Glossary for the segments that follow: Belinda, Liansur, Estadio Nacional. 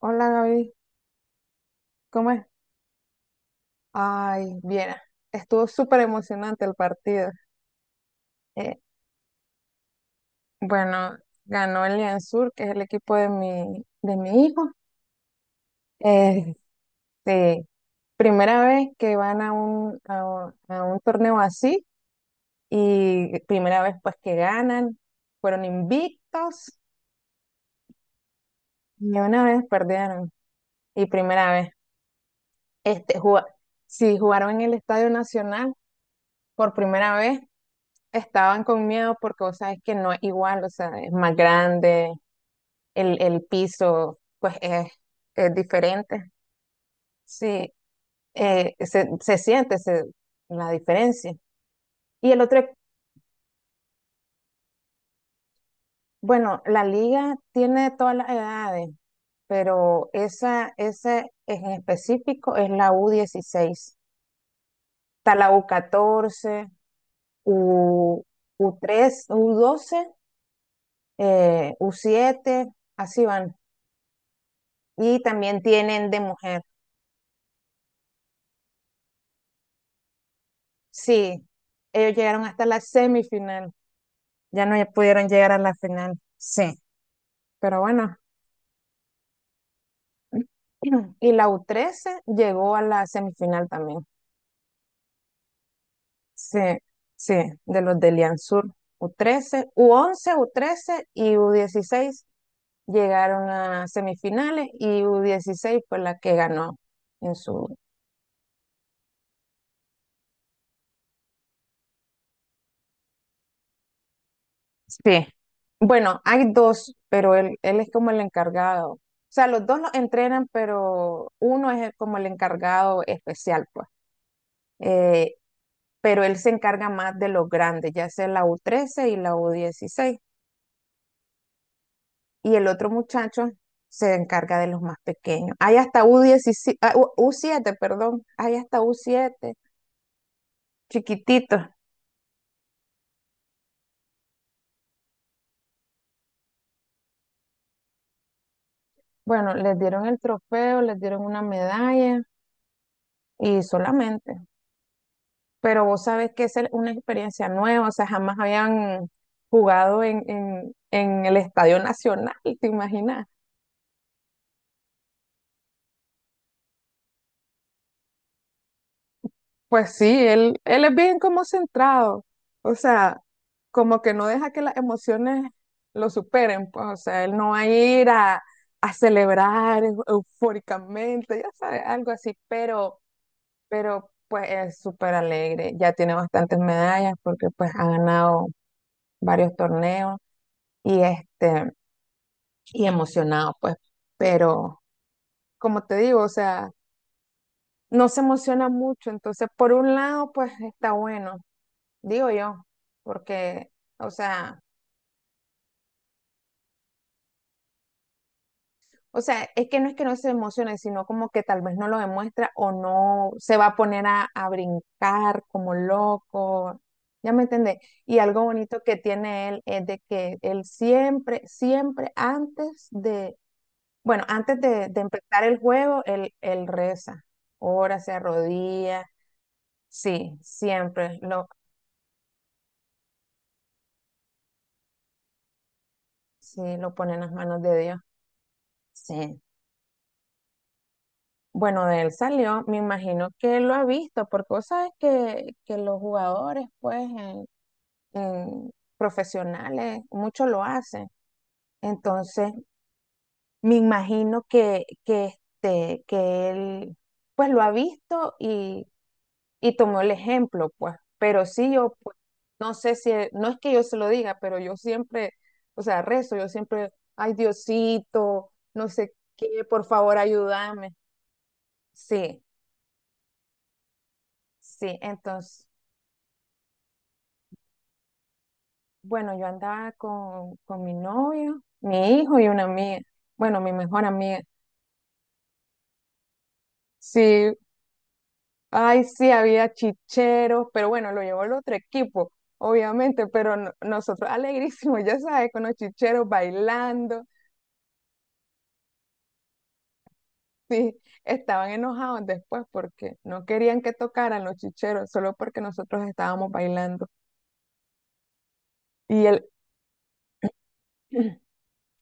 Hola Gaby, ¿cómo es? Ay, bien, estuvo súper emocionante el partido. Eh, bueno, ganó el Liansur, que es el equipo de mi hijo. Este, primera vez que van a un torneo así, y primera vez pues que ganan, fueron invictos y una vez perdieron y primera vez. Este, sí, jugaron en el Estadio Nacional por primera vez. Estaban con miedo porque vos sabes que no es igual, o sea, es más grande, el piso pues es diferente. Sí, se siente la diferencia. Y el otro, bueno, la liga tiene todas las edades, pero esa en específico es la U16. Está la U14, U, catorce u 3 U12, U7, así van. Y también tienen de mujer. Sí, ellos llegaron hasta la semifinal, ya no pudieron llegar a la final, sí, pero bueno. Y la U13 llegó a la semifinal también, sí, sí, de los de Liansur. U13, U11, U13 y U16 llegaron a semifinales, y U16 fue la que ganó en su... Sí. Bueno, hay dos, pero él es como el encargado. O sea, los dos los entrenan, pero uno es como el encargado especial, pues. Eh, pero él se encarga más de los grandes, ya sea la U13 y la U16. Y el otro muchacho se encarga de los más pequeños. Hay hasta U17, ah, U7, perdón. Hay hasta U7, chiquititos. Bueno, les dieron el trofeo, les dieron una medalla y solamente. Pero vos sabés que es una experiencia nueva, o sea, jamás habían jugado en el Estadio Nacional, ¿te imaginas? Pues sí, él es bien como centrado, o sea, como que no deja que las emociones lo superen, pues, o sea, él no va a ir a celebrar eufóricamente, ya sabes, algo así, pero pues es súper alegre, ya tiene bastantes medallas porque pues ha ganado varios torneos, y este... y emocionado, pues, pero como te digo, o sea, no se emociona mucho, entonces por un lado, pues está bueno, digo yo, porque, o sea, es que no se emocione, sino como que tal vez no lo demuestra o no se va a poner a brincar como loco, ¿ya me entendés? Y algo bonito que tiene él es de que él siempre, siempre antes de, bueno, antes de empezar el juego, él reza, ora, se arrodilla. Sí, siempre lo, sí, lo pone en las manos de Dios. Sí. Bueno, de él salió, me imagino que lo ha visto, porque vos sabes que los jugadores, pues, en profesionales, muchos lo hacen. Entonces, me imagino que, este, que él, pues, lo ha visto y tomó el ejemplo, pues, pero sí yo, pues, no sé si, no es que yo se lo diga, pero yo siempre, o sea, rezo, yo siempre, ay Diosito, no sé qué, por favor ayúdame. Sí, sí, entonces, bueno, yo andaba con mi novio, mi hijo y una amiga, bueno, mi mejor amiga. Sí, ay, sí, había chicheros, pero bueno, lo llevó el otro equipo. Obviamente, pero nosotros alegrísimos, ya sabes, con los chicheros bailando. Sí, estaban enojados después porque no querían que tocaran los chicheros solo porque nosotros estábamos bailando. Y el,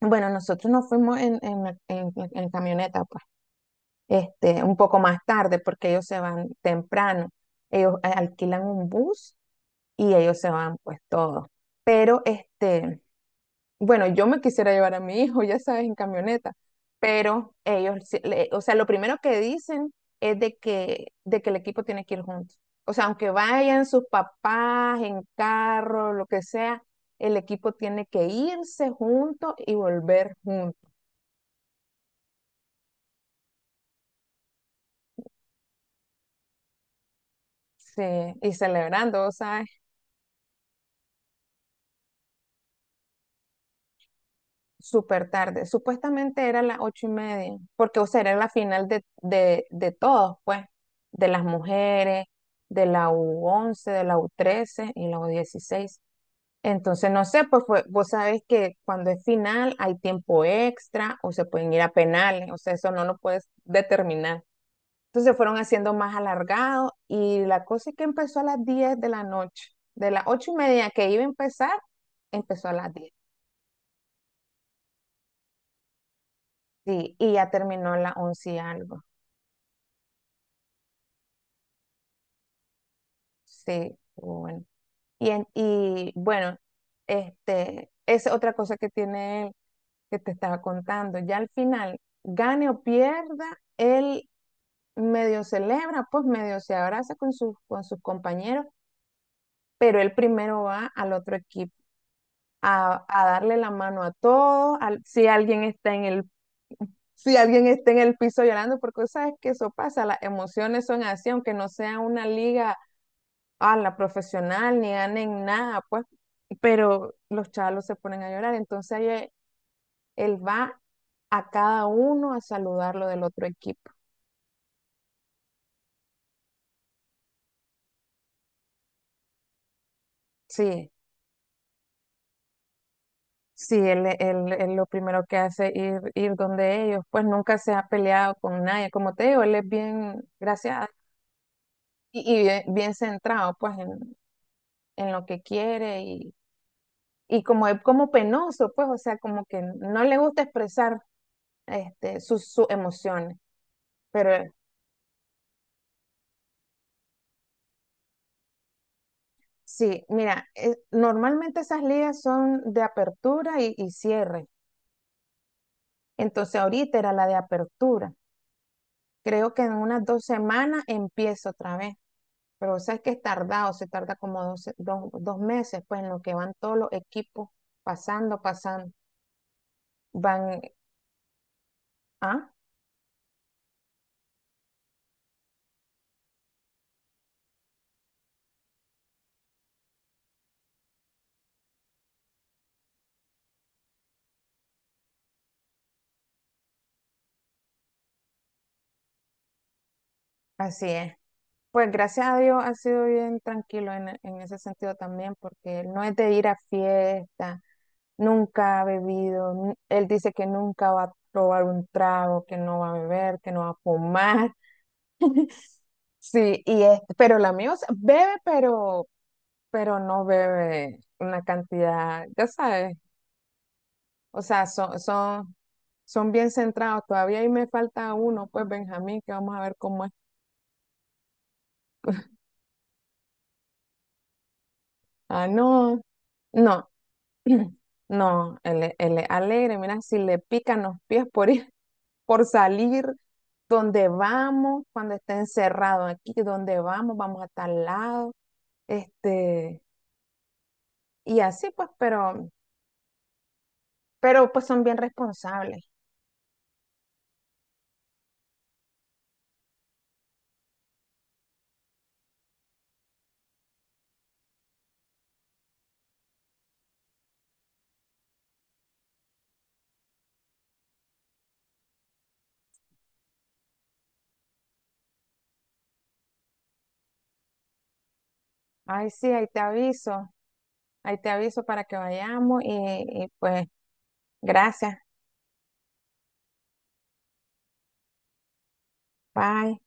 bueno, nosotros nos fuimos en camioneta, pues, este, un poco más tarde porque ellos se van temprano. Ellos alquilan un bus y ellos se van, pues, todos. Pero, este, bueno, yo me quisiera llevar a mi hijo, ya sabes, en camioneta, pero ellos, o sea, lo primero que dicen es de que el equipo tiene que ir juntos. O sea, aunque vayan sus papás en carro, lo que sea, el equipo tiene que irse junto y volver juntos, sí, y celebrando, ¿sabes? Súper tarde. Supuestamente era las 8:30, porque, o sea, era la final de todos, pues, de las mujeres, de la U11, de la U13 y la U16. Entonces, no sé, pues vos sabés que cuando es final hay tiempo extra o se pueden ir a penales, o sea, eso no lo puedes determinar. Entonces fueron haciendo más alargado y la cosa es que empezó a las 10 de la noche. De las 8:30 que iba a empezar, empezó a las diez. Sí, y ya terminó a las 11 y algo. Sí, pero bueno. Y, y bueno, este, es otra cosa que tiene él que te estaba contando. Ya al final, gane o pierda, él medio celebra, pues medio se abraza con con sus compañeros, pero él primero va al otro equipo a darle la mano a todos, si alguien está en si alguien está en el piso llorando, porque sabes que eso pasa, las emociones son así, aunque no sea una liga a la profesional, ni ganen nada, pues, pero los chalos se ponen a llorar. Entonces ahí él va a cada uno a saludarlo del otro equipo. Sí, sí, él lo primero que hace es ir donde ellos, pues nunca se ha peleado con nadie. Como te digo, él es bien, gracias, y bien, bien centrado, pues, en lo que quiere y como es como penoso, pues, o sea, como que no le gusta expresar este, sus emociones. Pero sí, mira, normalmente esas ligas son de apertura y cierre. Entonces ahorita era la de apertura. Creo que en unas 2 semanas empiezo otra vez. Pero sabes que es tardado, se tarda como 2 meses, pues en lo que van todos los equipos pasando, pasando. Van, ah, así es. Pues gracias a Dios ha sido bien tranquilo en ese sentido también, porque no es de ir a fiesta, nunca ha bebido, él dice que nunca va a probar un trago, que no va a beber, que no va a fumar, sí, y es, pero la mía, o sea, bebe, pero no bebe una cantidad, ya sabes, o sea, son bien centrados, todavía ahí me falta uno, pues Benjamín, que vamos a ver cómo es. Ah, no. No, no, él es alegre, mira, si le pican los pies por ir, por salir, donde vamos, cuando esté encerrado aquí, donde vamos, vamos a tal lado, este, y así pues, pero pues son bien responsables. Ay, sí, ahí te aviso para que vayamos y pues, gracias, bye.